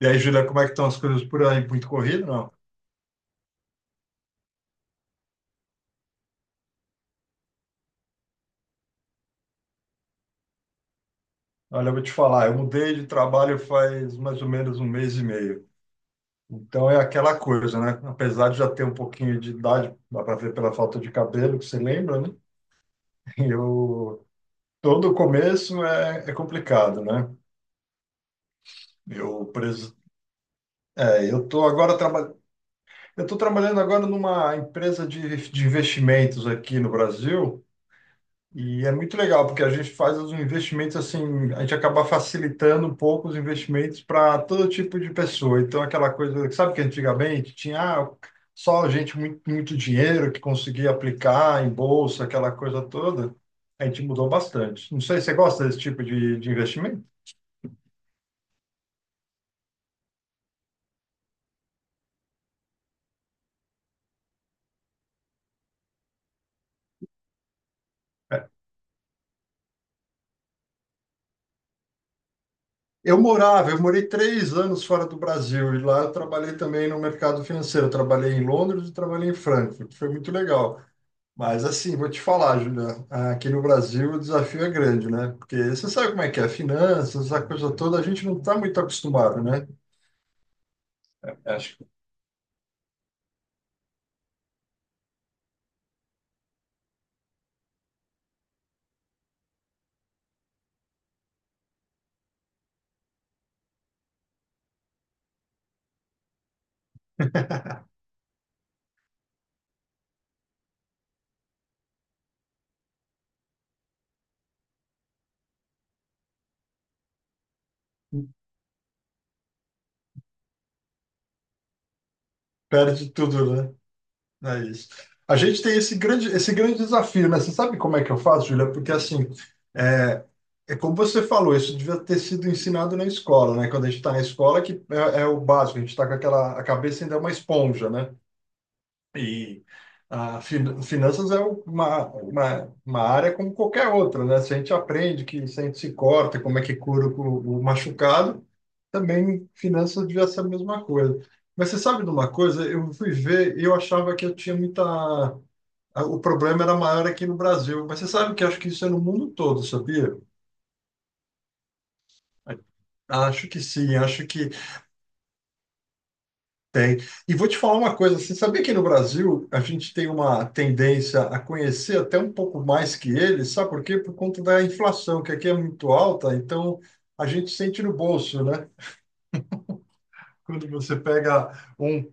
E aí, Julia, como é que estão as coisas por aí? Muito corrido, não? Olha, eu vou te falar, eu mudei de trabalho faz mais ou menos um mês e meio. Então é aquela coisa, né? Apesar de já ter um pouquinho de idade, dá para ver pela falta de cabelo, que você lembra, né? Eu Todo começo é complicado, né? Eu preso, é, eu tô agora traba... eu tô trabalhando agora numa empresa de investimentos aqui no Brasil. E é muito legal, porque a gente faz os investimentos assim, a gente acaba facilitando um pouco os investimentos para todo tipo de pessoa. Então, aquela coisa, sabe que antigamente tinha só gente muito, muito dinheiro que conseguia aplicar em bolsa, aquela coisa toda. A gente mudou bastante. Não sei, você gosta desse tipo de investimento? Eu morava, eu morei 3 anos fora do Brasil e lá eu trabalhei também no mercado financeiro. Eu trabalhei em Londres e trabalhei em Frankfurt. Foi muito legal. Mas assim, vou te falar, Julia, aqui no Brasil o desafio é grande, né? Porque você sabe como é que é, finanças, essa coisa toda, a gente não está muito acostumado, né? Acho que perde tudo, né? É isso. A gente tem esse grande desafio, né? Você sabe como é que eu faço, Julia? Porque assim, é, é como você falou, isso devia ter sido ensinado na escola, né? Quando a gente está na escola, que é o básico, a gente está com aquela, a cabeça ainda é uma esponja, né? E finanças é uma área como qualquer outra, né? Se a gente aprende que se a gente se corta, como é que cura o machucado, também finanças devia ser a mesma coisa. Mas você sabe de uma coisa? Eu fui ver e eu achava que eu tinha muita... O problema era maior aqui no Brasil. Mas você sabe que eu acho que isso é no mundo todo, sabia? Acho que sim, acho que. Tem. E vou te falar uma coisa, assim, sabia que no Brasil a gente tem uma tendência a conhecer até um pouco mais que eles, sabe por quê? Por conta da inflação, que aqui é muito alta, então a gente sente no bolso, né? Quando você pega um.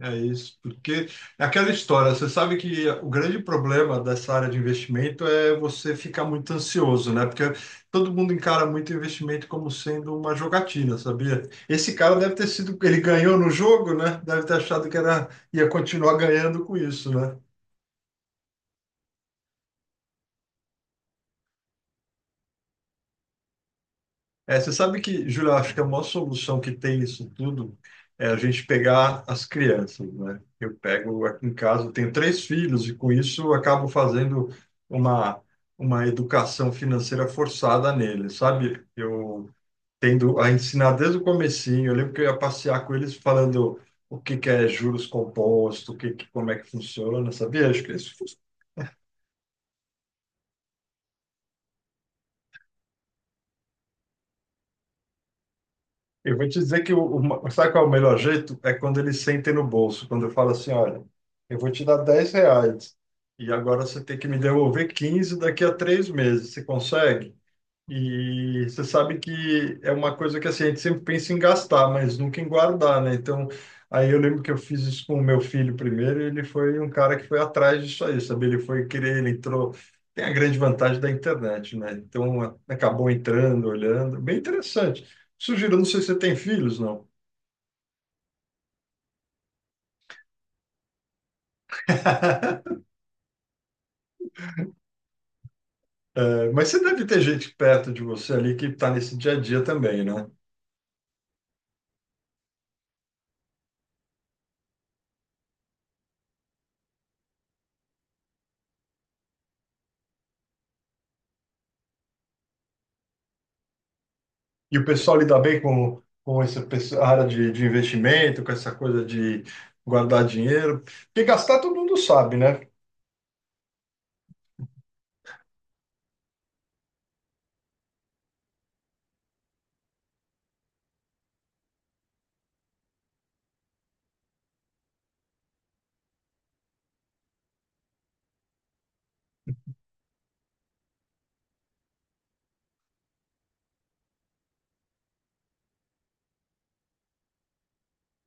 É isso, porque é aquela história, você sabe que o grande problema dessa área de investimento é você ficar muito ansioso, né? Porque todo mundo encara muito investimento como sendo uma jogatina, sabia? Esse cara deve ter sido, ele ganhou no jogo, né? Deve ter achado que era, ia continuar ganhando com isso, né? É, você sabe que, Júlio, eu acho que a maior solução que tem isso tudo é a gente pegar as crianças, né? Eu pego aqui em casa, eu tenho 3 filhos e com isso eu acabo fazendo uma, uma educação financeira forçada neles, sabe? Eu tendo a ensinar desde o comecinho, eu lembro que eu ia passear com eles falando o que que é juros compostos, o que, como é que funciona, sabia? Acho que isso. Eu vou te dizer que o sabe qual é o melhor jeito? É quando eles sentem no bolso, quando eu falo assim, olha, eu vou te dar R$ 10 e agora você tem que me devolver 15 daqui a 3 meses. Você consegue? E você sabe que é uma coisa que assim, a gente sempre pensa em gastar, mas nunca em guardar, né? Então, aí eu lembro que eu fiz isso com o meu filho primeiro, e ele foi um cara que foi atrás disso aí, sabe? Ele foi querer, ele entrou. Tem a grande vantagem da internet, né? Então, acabou entrando, olhando. Bem interessante. Sugiro, não sei se você tem filhos, não. É, mas você deve ter gente perto de você ali que está nesse dia a dia também, né? E o pessoal lida bem com essa área de investimento, com essa coisa de guardar dinheiro. Porque gastar todo mundo sabe, né?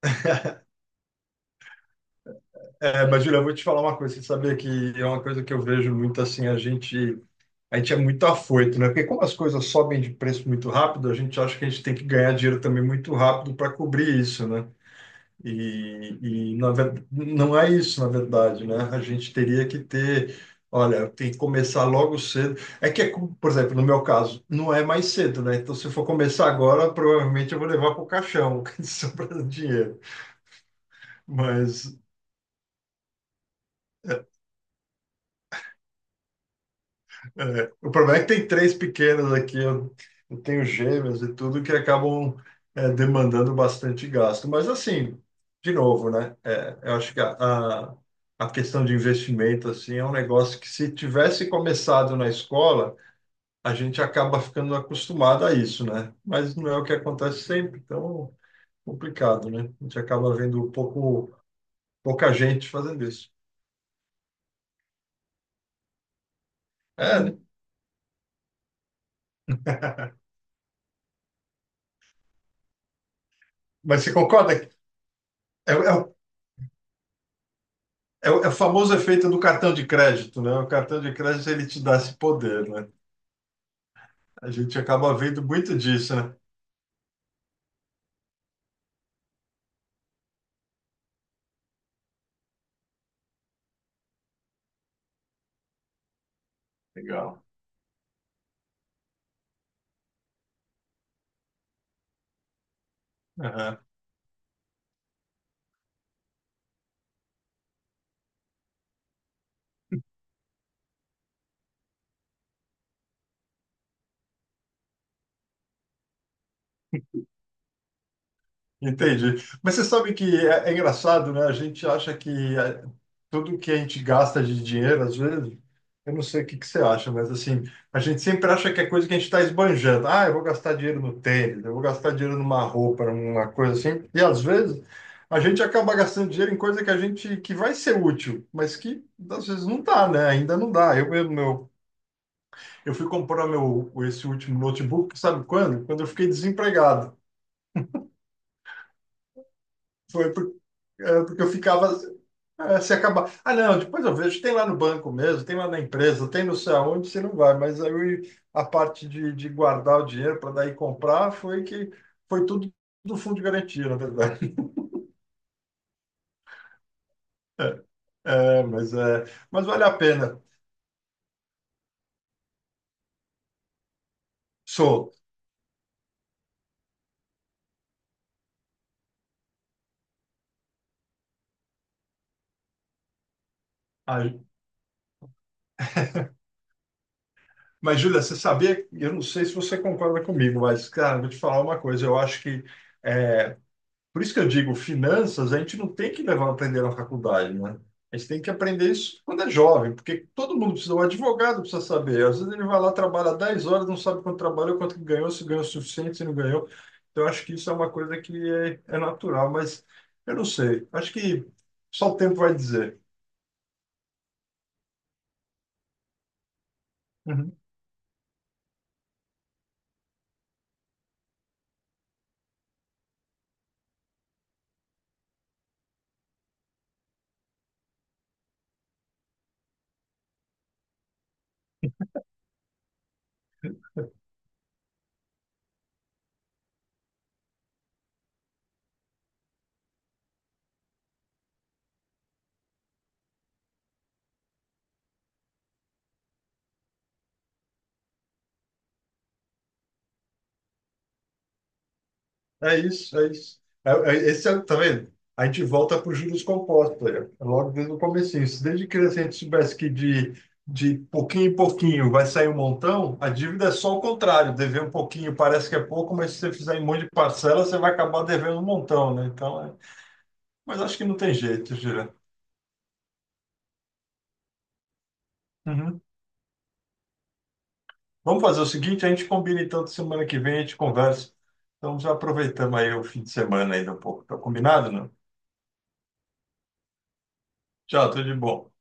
É, mas, Julia, eu vou te falar uma coisa. Você sabia que é uma coisa que eu vejo muito assim, a gente é muito afoito, né? Porque como as coisas sobem de preço muito rápido, a gente acha que a gente tem que ganhar dinheiro também muito rápido para cobrir isso, né? E, e não é isso, na verdade, né? A gente teria que ter, olha, tem que começar logo cedo. É que, por exemplo, no meu caso, não é mais cedo, né? Então, se eu for começar agora, provavelmente eu vou levar para o caixão, sobrando dinheiro. Mas é, o problema é que tem 3 pequenos aqui, eu tenho gêmeos e tudo que acabam demandando bastante gasto. Mas assim, de novo, né? É, eu acho que a, a questão de investimento assim é um negócio que se tivesse começado na escola, a gente acaba ficando acostumado a isso, né? Mas não é o que acontece sempre, então complicado, né? A gente acaba vendo pouco, pouca gente fazendo isso. É, né? Mas você concorda? Que. É, é é o famoso efeito do cartão de crédito, né? O cartão de crédito ele te dá esse poder, né? A gente acaba vendo muito disso, né? Legal. Aham. Entendi. Mas você sabe que é engraçado, né? A gente acha que tudo que a gente gasta de dinheiro, às vezes, eu não sei o que que você acha, mas assim, a gente sempre acha que é coisa que a gente está esbanjando. Ah, eu vou gastar dinheiro no tênis, eu vou gastar dinheiro numa roupa, numa coisa assim. E às vezes a gente acaba gastando dinheiro em coisa que a gente que vai ser útil, mas que às vezes não dá, né? Ainda não dá. Eu mesmo, meu, eu fui comprar meu esse último notebook, sabe quando? Quando eu fiquei desempregado. Foi por- é, porque eu ficava. É, se acabar. Ah, não, depois eu vejo. Tem lá no banco mesmo, tem lá na empresa, tem não sei aonde, você não vai. Mas aí a parte de guardar o dinheiro para daí comprar foi que foi tudo do fundo de garantia, na verdade. É, mas, mas vale a pena. Sou. Ah, mas, Júlia, você sabia? Eu não sei se você concorda comigo, mas, cara, vou te falar uma coisa. Eu acho que. É, por isso que eu digo, finanças, a gente não tem que levar a aprender na faculdade, né? A gente tem que aprender isso quando é jovem, porque todo mundo precisa, o advogado precisa saber. Às vezes ele vai lá, trabalha 10 horas, não sabe quanto trabalhou, quanto que ganhou, se ganhou o suficiente, se não ganhou. Então, eu acho que isso é uma coisa que é natural, mas eu não sei. Acho que só o tempo vai dizer. Uhum. É isso, é isso. Esse é, tá vendo? A gente volta para os juros compostos, olha, logo desde o comecinho. Se desde criança a gente soubesse que de pouquinho em pouquinho vai sair um montão, a dívida é só o contrário. Dever um pouquinho parece que é pouco, mas se você fizer em um monte de parcela, você vai acabar devendo um montão, né? Então, é... Mas acho que não tem jeito, Gira. Uhum. Vamos fazer o seguinte, a gente combina então de semana que vem, a gente conversa. Então já aproveitamos aí o fim de semana ainda um pouco. Tá combinado, não? Tchau, tudo de bom.